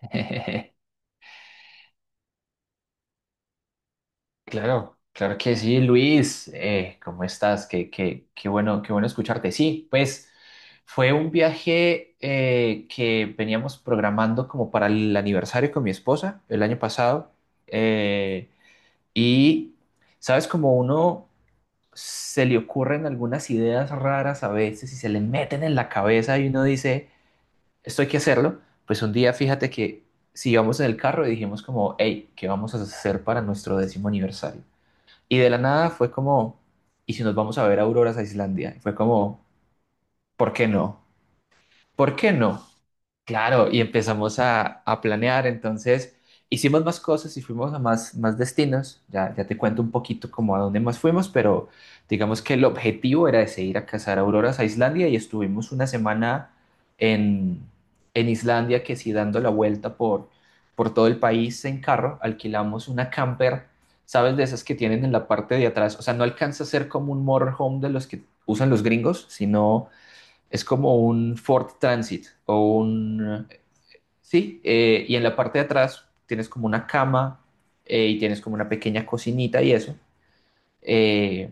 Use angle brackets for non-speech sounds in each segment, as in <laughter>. <laughs> Claro, claro que sí, Luis. ¿Cómo estás? Qué bueno, qué bueno escucharte. Sí, pues fue un viaje que veníamos programando como para el aniversario con mi esposa el año pasado. Eh, y, ¿Sabes? Como uno se le ocurren algunas ideas raras a veces y se le meten en la cabeza y uno dice, esto hay que hacerlo. Pues un día fíjate que si íbamos en el carro y dijimos como, hey, ¿qué vamos a hacer para nuestro décimo aniversario? Y de la nada fue como, ¿y si nos vamos a ver auroras a Islandia? Y fue como, ¿por qué no? ¿Por qué no? Claro, y empezamos a planear. Entonces hicimos más cosas y fuimos a más destinos, ya, ya te cuento un poquito como a dónde más fuimos, pero digamos que el objetivo era ese, ir a cazar auroras a Islandia y estuvimos una semana en, en Islandia, que sí, dando la vuelta por todo el país en carro. Alquilamos una camper, ¿sabes? De esas que tienen en la parte de atrás, o sea, no alcanza a ser como un motorhome de los que usan los gringos, sino es como un Ford Transit o un. Sí, y en la parte de atrás tienes como una cama y tienes como una pequeña cocinita y eso. Eh,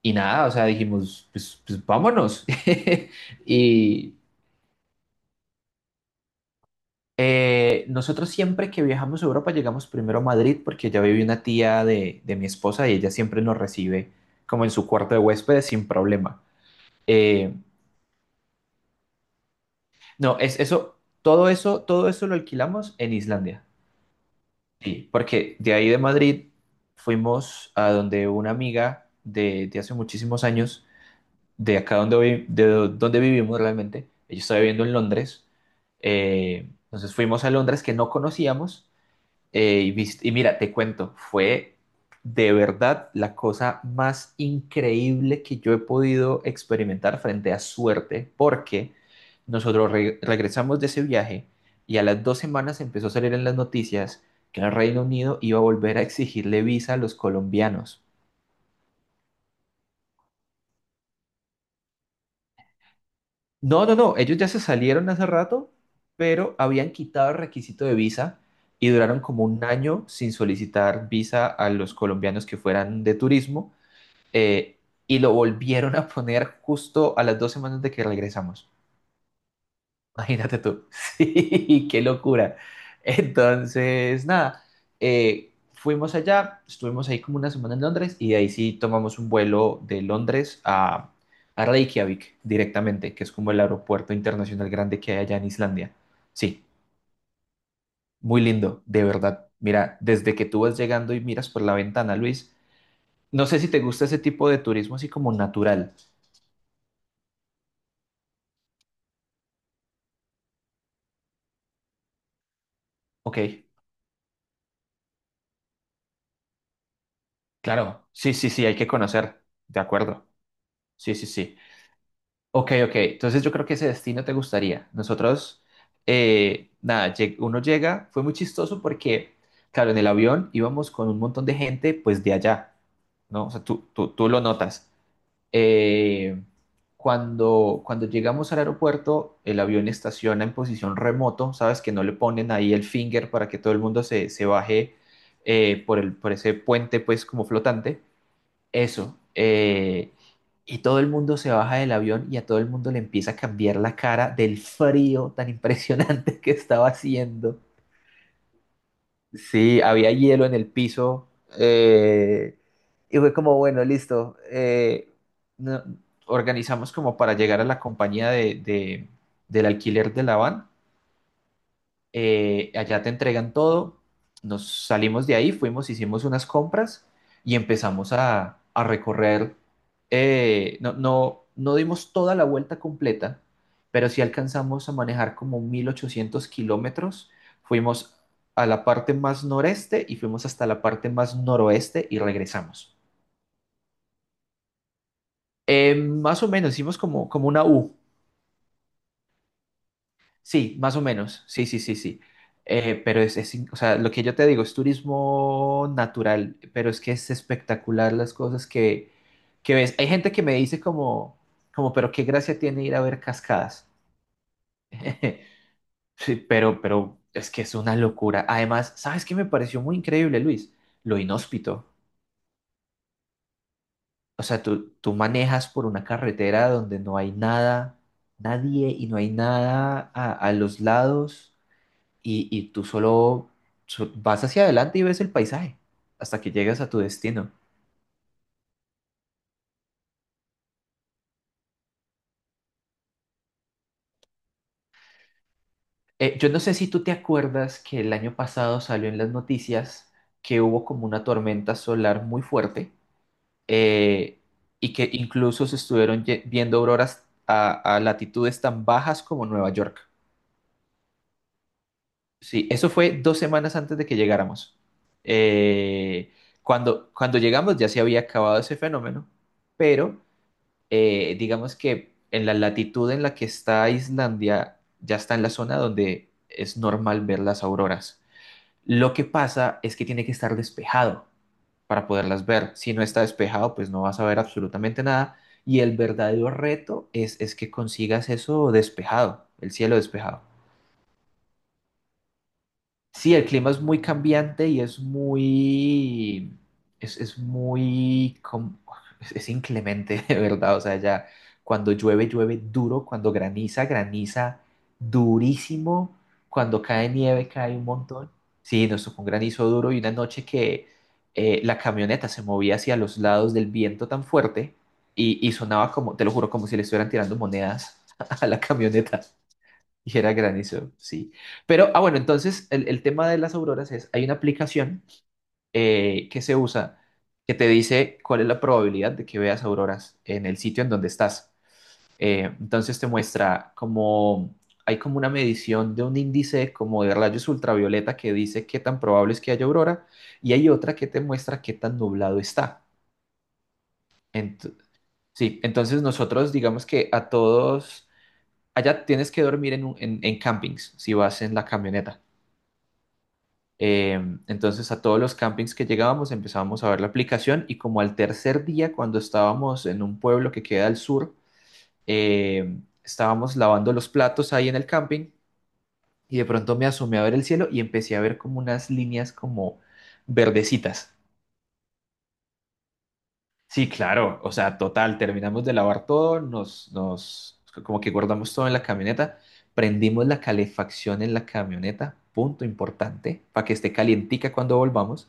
y nada, o sea, dijimos, pues, pues vámonos. <laughs> Y nosotros siempre que viajamos a Europa llegamos primero a Madrid porque ya vive una tía de mi esposa y ella siempre nos recibe como en su cuarto de huéspedes sin problema. Eh, no, es eso, todo eso lo alquilamos en Islandia. Sí, porque de ahí de Madrid fuimos a donde una amiga de hace muchísimos años, de acá donde, vi- de do- donde vivimos realmente. Ella estaba viviendo en Londres, entonces fuimos a Londres que no conocíamos y mira, te cuento, fue de verdad la cosa más increíble que yo he podido experimentar frente a suerte, porque nosotros regresamos de ese viaje y a las 2 semanas empezó a salir en las noticias que el Reino Unido iba a volver a exigirle visa a los colombianos. No, no, no, ellos ya se salieron hace rato, pero habían quitado el requisito de visa y duraron como un año sin solicitar visa a los colombianos que fueran de turismo, eh, y lo volvieron a poner justo a las 2 semanas de que regresamos. Imagínate tú. <laughs> Sí, qué locura. Entonces, nada, fuimos allá, estuvimos ahí como una semana en Londres y de ahí sí tomamos un vuelo de Londres a Reykjavik directamente, que es como el aeropuerto internacional grande que hay allá en Islandia. Sí, muy lindo, de verdad. Mira, desde que tú vas llegando y miras por la ventana, Luis, no sé si te gusta ese tipo de turismo así como natural, ¿ok? Claro, sí, sí, sí, hay que conocer, de acuerdo. Sí, sí, sí. Ok, ok, entonces yo creo que ese destino te gustaría. Nosotros, nada, lleg- Uno llega. Fue muy chistoso porque, claro, en el avión íbamos con un montón de gente, pues de allá, ¿no? O sea, tú lo notas. Eh, cuando llegamos al aeropuerto, el avión estaciona en posición remoto, ¿sabes? Que no le ponen ahí el finger para que todo el mundo se baje por ese puente, pues, como flotante. Eso. Y todo el mundo se baja del avión y a todo el mundo le empieza a cambiar la cara del frío tan impresionante <laughs> que estaba haciendo. Sí, había hielo en el piso. eh, y fue como, bueno, listo. No- Organizamos como para llegar a la compañía del alquiler de la van. Allá te entregan todo, nos salimos de ahí, fuimos, hicimos unas compras y empezamos a recorrer. No, no, no dimos toda la vuelta completa, pero sí alcanzamos a manejar como 1800 kilómetros. Fuimos a la parte más noreste y fuimos hasta la parte más noroeste y regresamos. Más o menos hicimos como una U. Sí, más o menos. Sí, sí, sí, sí. O sea, lo que yo te digo es turismo natural, pero es que es espectacular las cosas que ves. Hay gente que me dice como, pero qué gracia tiene ir a ver cascadas. <laughs> Sí, pero es que es una locura. Además, ¿sabes qué me pareció muy increíble, Luis? Lo inhóspito. O sea, tú manejas por una carretera donde no hay nada, nadie y no hay nada a los lados. Y tú solo vas hacia adelante y ves el paisaje hasta que llegas a tu destino. Yo no sé si tú te acuerdas que el año pasado salió en las noticias que hubo como una tormenta solar muy fuerte, eh, y que incluso se estuvieron viendo auroras a latitudes tan bajas como Nueva York. Sí, eso fue 2 semanas antes de que llegáramos. Eh, cuando llegamos ya se había acabado ese fenómeno, pero digamos que en la latitud en la que está Islandia, ya está en la zona donde es normal ver las auroras. Lo que pasa es que tiene que estar despejado para poderlas ver. Si no está despejado, pues no vas a ver absolutamente nada. Y el verdadero reto es que consigas eso despejado, el cielo despejado. Sí, el clima es muy cambiante y es muy, com- es inclemente, <laughs> de verdad. O sea, ya cuando llueve, llueve duro, cuando graniza, graniza durísimo, cuando cae nieve, cae un montón. Sí, nos tocó un granizo duro y una noche que la camioneta se movía hacia los lados del viento tan fuerte y sonaba como, te lo juro, como si le estuvieran tirando monedas <laughs> a la camioneta. Y era granizo, sí. Pero, ah, bueno, entonces el tema de las auroras es, hay una aplicación que se usa, que te dice cuál es la probabilidad de que veas auroras en el sitio en donde estás. Entonces te muestra como, hay como una medición de un índice como de rayos ultravioleta que dice qué tan probable es que haya aurora y hay otra que te muestra qué tan nublado está. Ent- sí, entonces nosotros digamos que a todos, allá tienes que dormir en campings si vas en la camioneta. Eh, entonces a todos los campings que llegábamos empezábamos a ver la aplicación y como al tercer día cuando estábamos en un pueblo que queda al sur, estábamos lavando los platos ahí en el camping y de pronto me asomé a ver el cielo y empecé a ver como unas líneas como verdecitas. Sí, claro, o sea, total, terminamos de lavar todo, como que guardamos todo en la camioneta, prendimos la calefacción en la camioneta, punto importante, para que esté calientica cuando volvamos.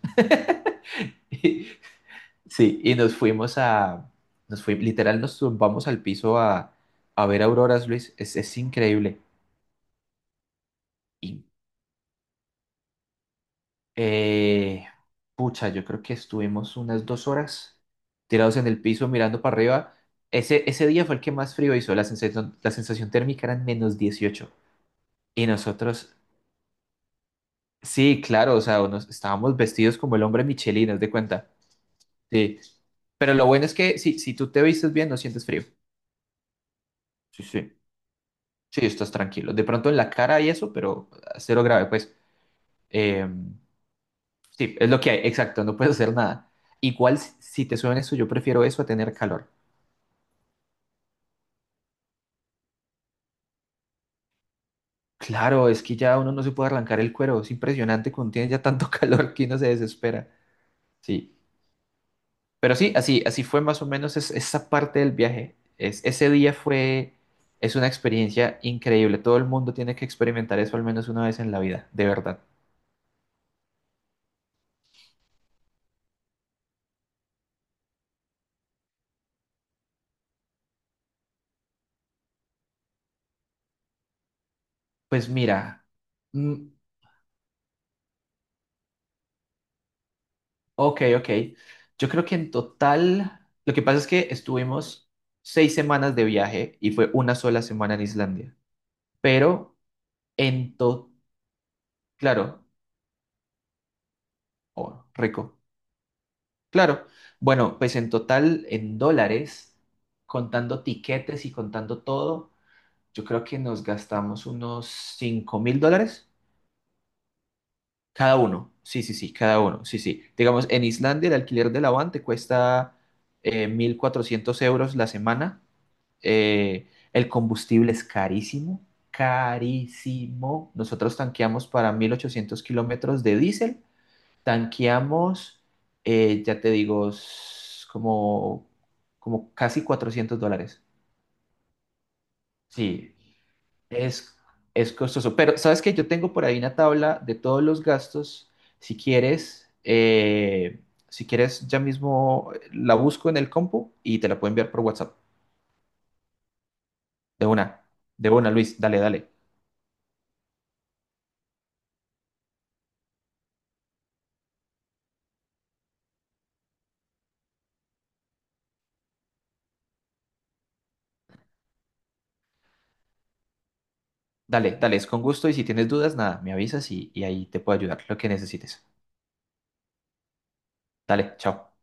<laughs> Sí, y nos fuimos a, literal nos tumbamos al piso a ver auroras, Luis, es increíble. Y, eh, Pucha, yo creo que estuvimos unas 2 horas tirados en el piso mirando para arriba. Ese día fue el que más frío hizo, la sensación térmica eran -18. Y nosotros, sí, claro, o sea, estábamos vestidos como el hombre Michelin, haz de cuenta. Sí, pero lo bueno es que si tú te vistes bien, no sientes frío. Sí, sí. Sí, estás tranquilo. De pronto en la cara y eso, pero cero grave, pues. Eh, sí, es lo que hay, exacto, no puedes hacer nada. Igual si te suena eso, yo prefiero eso a tener calor. Claro, es que ya uno no se puede arrancar el cuero, es impresionante cuando tiene ya tanto <laughs> calor que uno se desespera. Sí, pero sí, así, así fue más o menos esa parte del viaje. Ese día es una experiencia increíble. Todo el mundo tiene que experimentar eso al menos una vez en la vida, de verdad. Pues mira. Mm, ok, ok. Yo creo que en total, lo que pasa es que estuvimos 6 semanas de viaje y fue una sola semana en Islandia. Pero en total, claro, oh, rico, claro. Bueno, pues en total, en dólares, contando tiquetes y contando todo, yo creo que nos gastamos unos $5000 cada uno. Sí, sí, sí, cada uno. Sí, sí. Digamos, en Islandia el alquiler de la van te cuesta 1400 € la semana. El combustible es carísimo, carísimo. Nosotros tanqueamos para 1800 kilómetros de diésel. Tanqueamos, ya te digo, s- como, como casi $400. Sí, es, es costoso. Pero sabes que yo tengo por ahí una tabla de todos los gastos. Si quieres, eh, si quieres, ya mismo la busco en el compu y te la puedo enviar por WhatsApp. De una, de una, Luis. Dale, dale. Dale, dale, es con gusto y si tienes dudas, nada, me avisas y ahí te puedo ayudar, lo que necesites. Dale, chao.